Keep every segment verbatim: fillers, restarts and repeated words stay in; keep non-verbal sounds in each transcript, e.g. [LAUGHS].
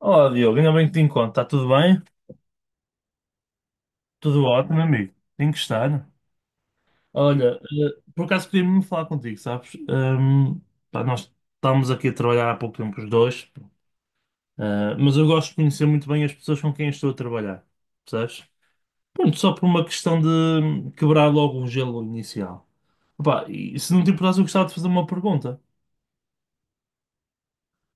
Olá, Diogo, ainda bem que te encontro. Está tudo bem? Tudo ótimo, amigo. Tem que estar. Olha, eh, por acaso queria me falar contigo, sabes? Ahm, pá, nós estamos aqui a trabalhar há pouco tempo os dois, eh, mas eu gosto de conhecer muito bem as pessoas com quem estou a trabalhar, percebes? Pronto, só por uma questão de quebrar logo o gelo inicial. Opá, e se não te importasse, eu gostava de fazer uma pergunta.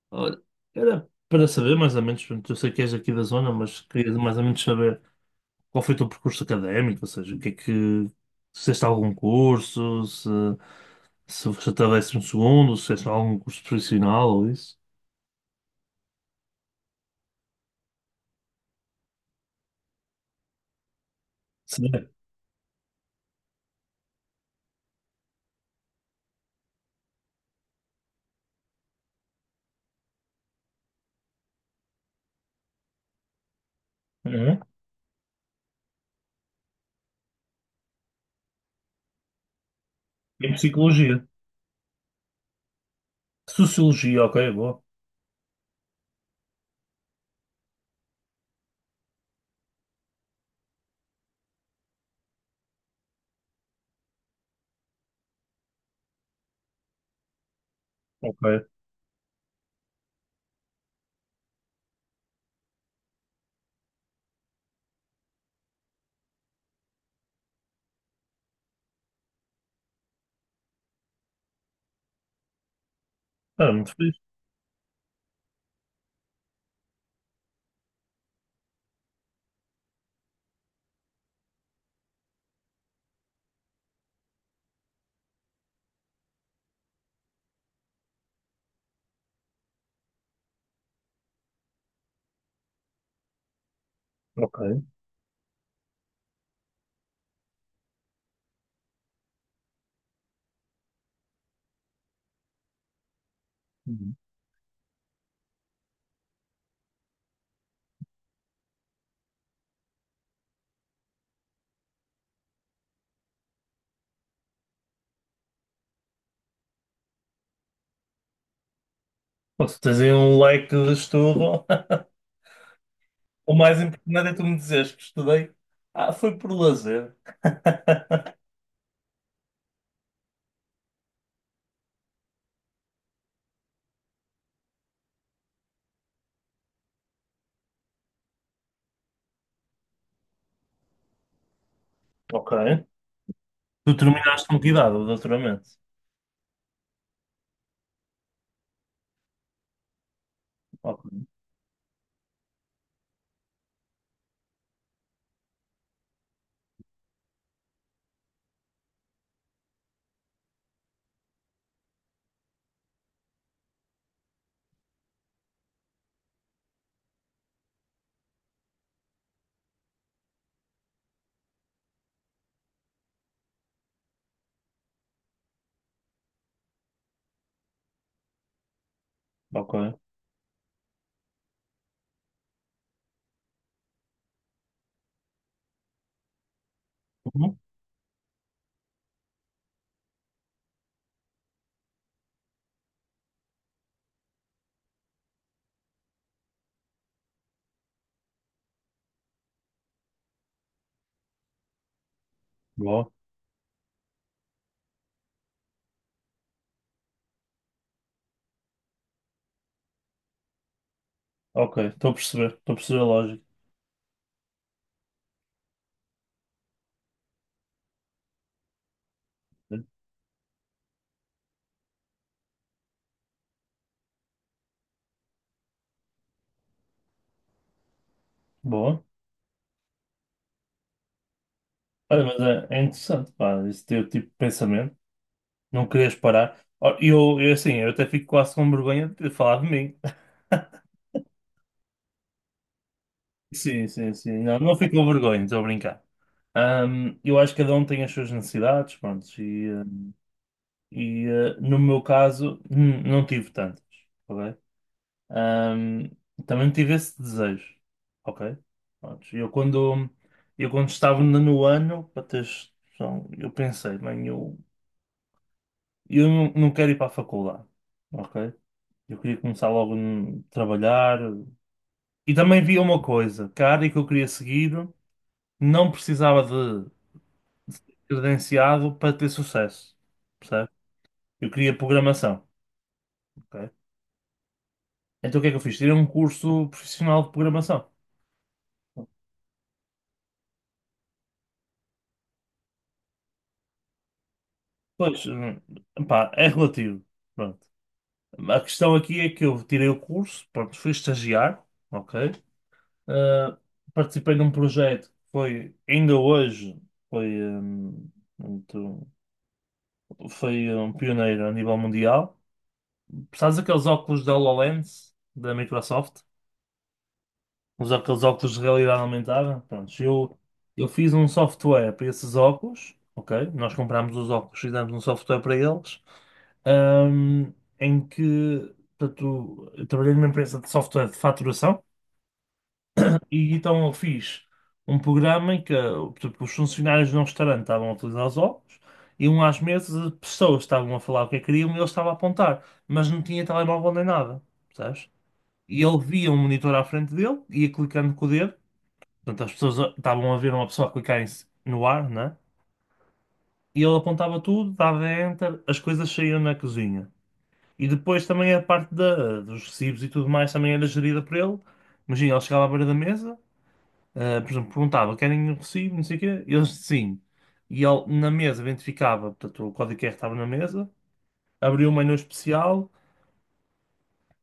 Olha, era para saber mais ou menos, pronto, eu sei que és aqui da zona, mas queria mais ou menos saber. Qual foi o teu percurso académico? Ou seja, o que é que. Se fizeste algum curso, se, se estavesse um segundo, se fizeste algum curso profissional ou isso? Sim. Uhum. Em psicologia. Sociologia, ok, boa. Ok. Ah, muito fixe. Ok. Uhum. Pô, se tens aí um leque de estudo, [LAUGHS] o mais importante é tu me dizeres que estudei. Ah, foi por lazer. Ok. Tu terminaste com que idade o doutoramento? Ok. Ok. Uhum. Boa. Ok, estou a perceber. Estou a perceber a lógica. Boa. Olha, mas é, é interessante, pá, esse teu tipo de pensamento, não querias parar. Ó, Eu, eu, assim, eu até fico quase com vergonha de ter falado de mim. [LAUGHS] Sim, sim, sim. Não, não fico com vergonha, estou a brincar. Ahm, eu acho que cada um tem as suas necessidades, pronto, e, eh, e, eh, no meu caso, hum, não tive tantas, ok? Ahm, também tive esse desejo, ok? Pronto, eu quando, eu quando estava no no ano, para teres noção, eu pensei, bem, eu E Eu não, não quero ir para a faculdade, ok? Eu queria começar logo a trabalhar. E também via uma coisa, que a área que eu queria seguir não precisava de, de ser credenciado para ter sucesso, percebe? Eu queria programação, ok? Então o que é que eu fiz? Tirei um curso profissional de programação. Pois, hum, pá, é relativo. Pronto. A questão aqui é que eu tirei o curso, pronto, fui estagiar, ok? Uh, participei num projeto que foi, ainda hoje, foi, um, muito- foi um pioneiro a nível mundial. Precisas daqueles óculos da HoloLens, da Microsoft, os aqueles óculos de realidade aumentada. Pronto, eu, eu fiz um software para esses óculos, ok? Nós comprámos os óculos, fizemos um software para eles, um, em que, portanto, eu trabalhei numa empresa de software de faturação. E então eu fiz um programa em que uh, tipo, os funcionários de um restaurante estavam a utilizar os óculos, iam às mesas, as pessoas estavam a falar o que é que queriam e ele estava a apontar, mas não tinha telemóvel nem nada, percebes? E ele via um monitor à frente dele, ia clicando com o dedo, portanto as pessoas uh, estavam a ver uma pessoa clicar em- c- no ar, né? E ele apontava tudo, dava enter, as coisas saíam na cozinha. E depois também a parte da- dos recibos e tudo mais também era gerida por ele. Imagina, ele chegava à beira da mesa. Ah, por exemplo, perguntava, querem um recibo, não sei o quê? Eles, sim. E ele, na mesa, identificava, portanto, o código Q R estava na mesa, abria um menu especial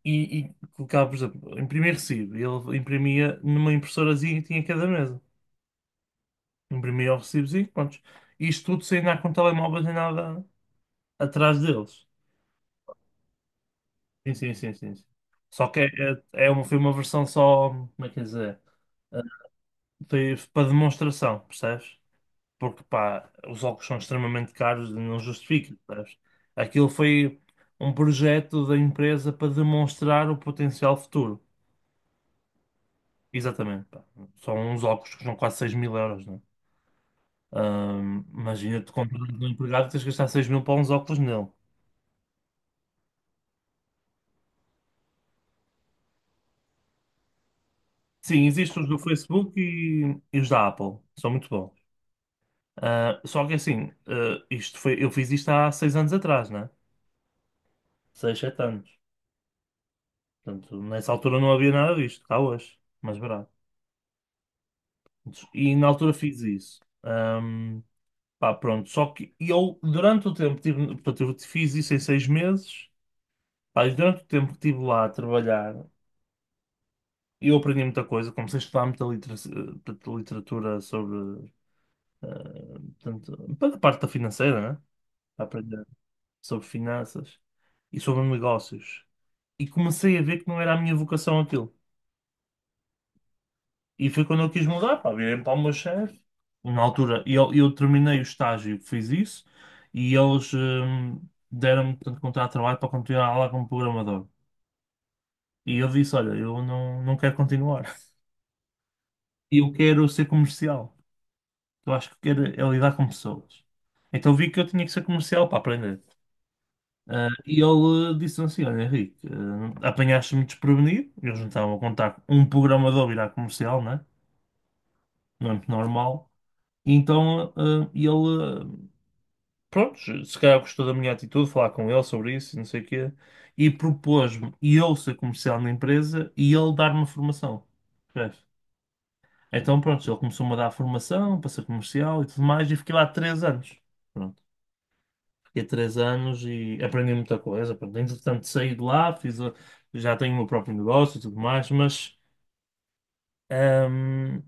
e, e colocava, por exemplo, imprimir recibo. E ele imprimia numa impressorazinha que tinha em cada mesa. Imprimia o recibozinho, pronto. Isto tudo sem andar com telemóveis nem nada atrás deles. Sim, sim, sim, sim, sim. Só que é, é é uma, foi uma versão só, como é que é dizer? Ah, foi para demonstração, percebes? Porque pá, os óculos são extremamente caros e não justifica, sabes? Aquilo foi um projeto da empresa para demonstrar o potencial futuro. Exatamente, pá. São uns óculos que são quase seis mil euros, né? Ahm, imagina, tu compras um empregado e tens que gastar seis mil para uns óculos nele. Sim, existem os do Facebook e, e os da Apple, são muito bons. Ah, só que assim, ah, isto foi, eu fiz isto há seis anos atrás, né? Seis sete anos. Portanto, nessa altura não havia nada disto, cá hoje, mais barato. E na altura fiz isso. Ahm, pá, pronto. Só que eu, durante o tempo, que tive, portanto, eu fiz isso em seis meses. Pá, e durante o tempo que estive lá a trabalhar, eu aprendi muita coisa. Comecei a estudar muita litera- portanto, literatura sobre, ah, portanto, para a parte da financeira, né? A aprender sobre finanças e sobre negócios. E comecei a ver que não era a minha vocação aquilo. E foi quando eu quis mudar, pá, virei para o meu chefe. Na altura, eu, eu terminei o estágio, fiz isso, e eles hum, deram-me, portanto, contrato de trabalho para continuar lá como programador. E eu disse, olha, eu não, não quero continuar. [LAUGHS] Eu quero ser comercial. Eu acho que quero é lidar com pessoas. Então vi que eu tinha que ser comercial para aprender. Ah, e ele disse assim, olha, Henrique, ah, apanhaste-me desprevenido. Eles não estavam a contar um programador virar comercial, né? Não é muito normal. Então, ah, ele, prontos, se calhar gostou da minha atitude, falar com ele sobre isso, e não sei o quê, e propôs-me e eu ser comercial na empresa e ele dar-me formação. Percebes? Então, pronto, ele começou-me a dar formação para ser comercial e tudo mais, e fiquei lá três anos. Pronto, fiquei três anos e aprendi muita coisa. Pronto, entretanto, saí de lá, fiz, a- já tenho o meu próprio negócio e tudo mais, mas, hum,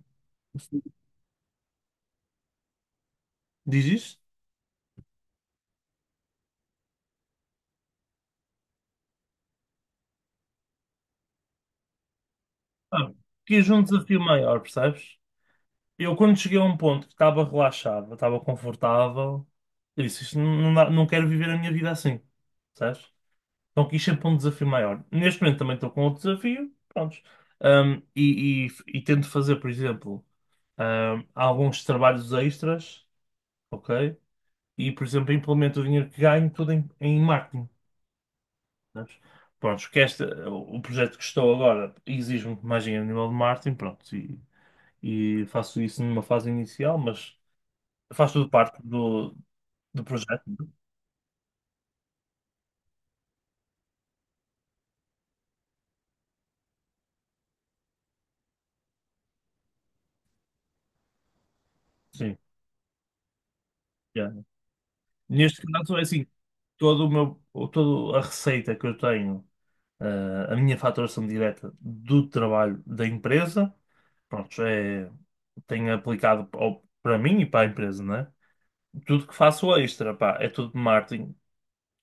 diz isto? Ah, quis um desafio maior, percebes? Eu, quando cheguei a um ponto que estava relaxado, estava confortável, eu disse, isto não, dá- não quero viver a minha vida assim, sabes? Então quis sempre um desafio maior. Neste momento também estou com outro desafio, pronto. e, e, e tento fazer, por exemplo, hum, alguns trabalhos extras, ok? E, por exemplo, implemento o dinheiro que ganho tudo em, em marketing, sabes? Pronto, que este, o projeto que estou agora exige muito mais dinheiro a nível de marketing, pronto, e, e faço isso numa fase inicial, mas faz tudo parte do, do projeto. Sim. Yeah. Neste caso, é assim, todo o meu, o- toda a receita que eu tenho, eh, a minha faturação direta do trabalho da empresa, pronto, é, tenho aplicado ao- para mim e para a empresa, né? Tudo que faço extra, pá, é tudo de marketing,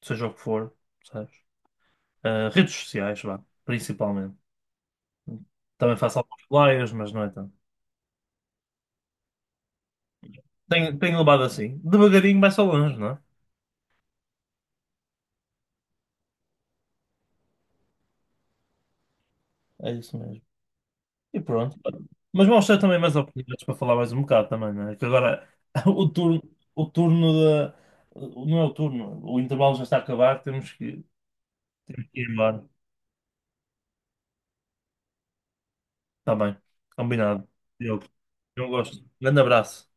seja o que for, sabes? Eh, redes sociais, vá, principalmente. Também faço alguns flyers, mas não é tanto. Tenho, tenho levado assim. Devagarinho vai só longe, não é? É isso mesmo. E pronto. Mas mostra também mais oportunidades para falar mais um bocado também, não é? Que agora [LAUGHS] o turno, o turno da. Não é o turno, o intervalo já está a acabar, temos que, temos que ir embora. Está bem, combinado. Eu, eu gosto. Grande abraço.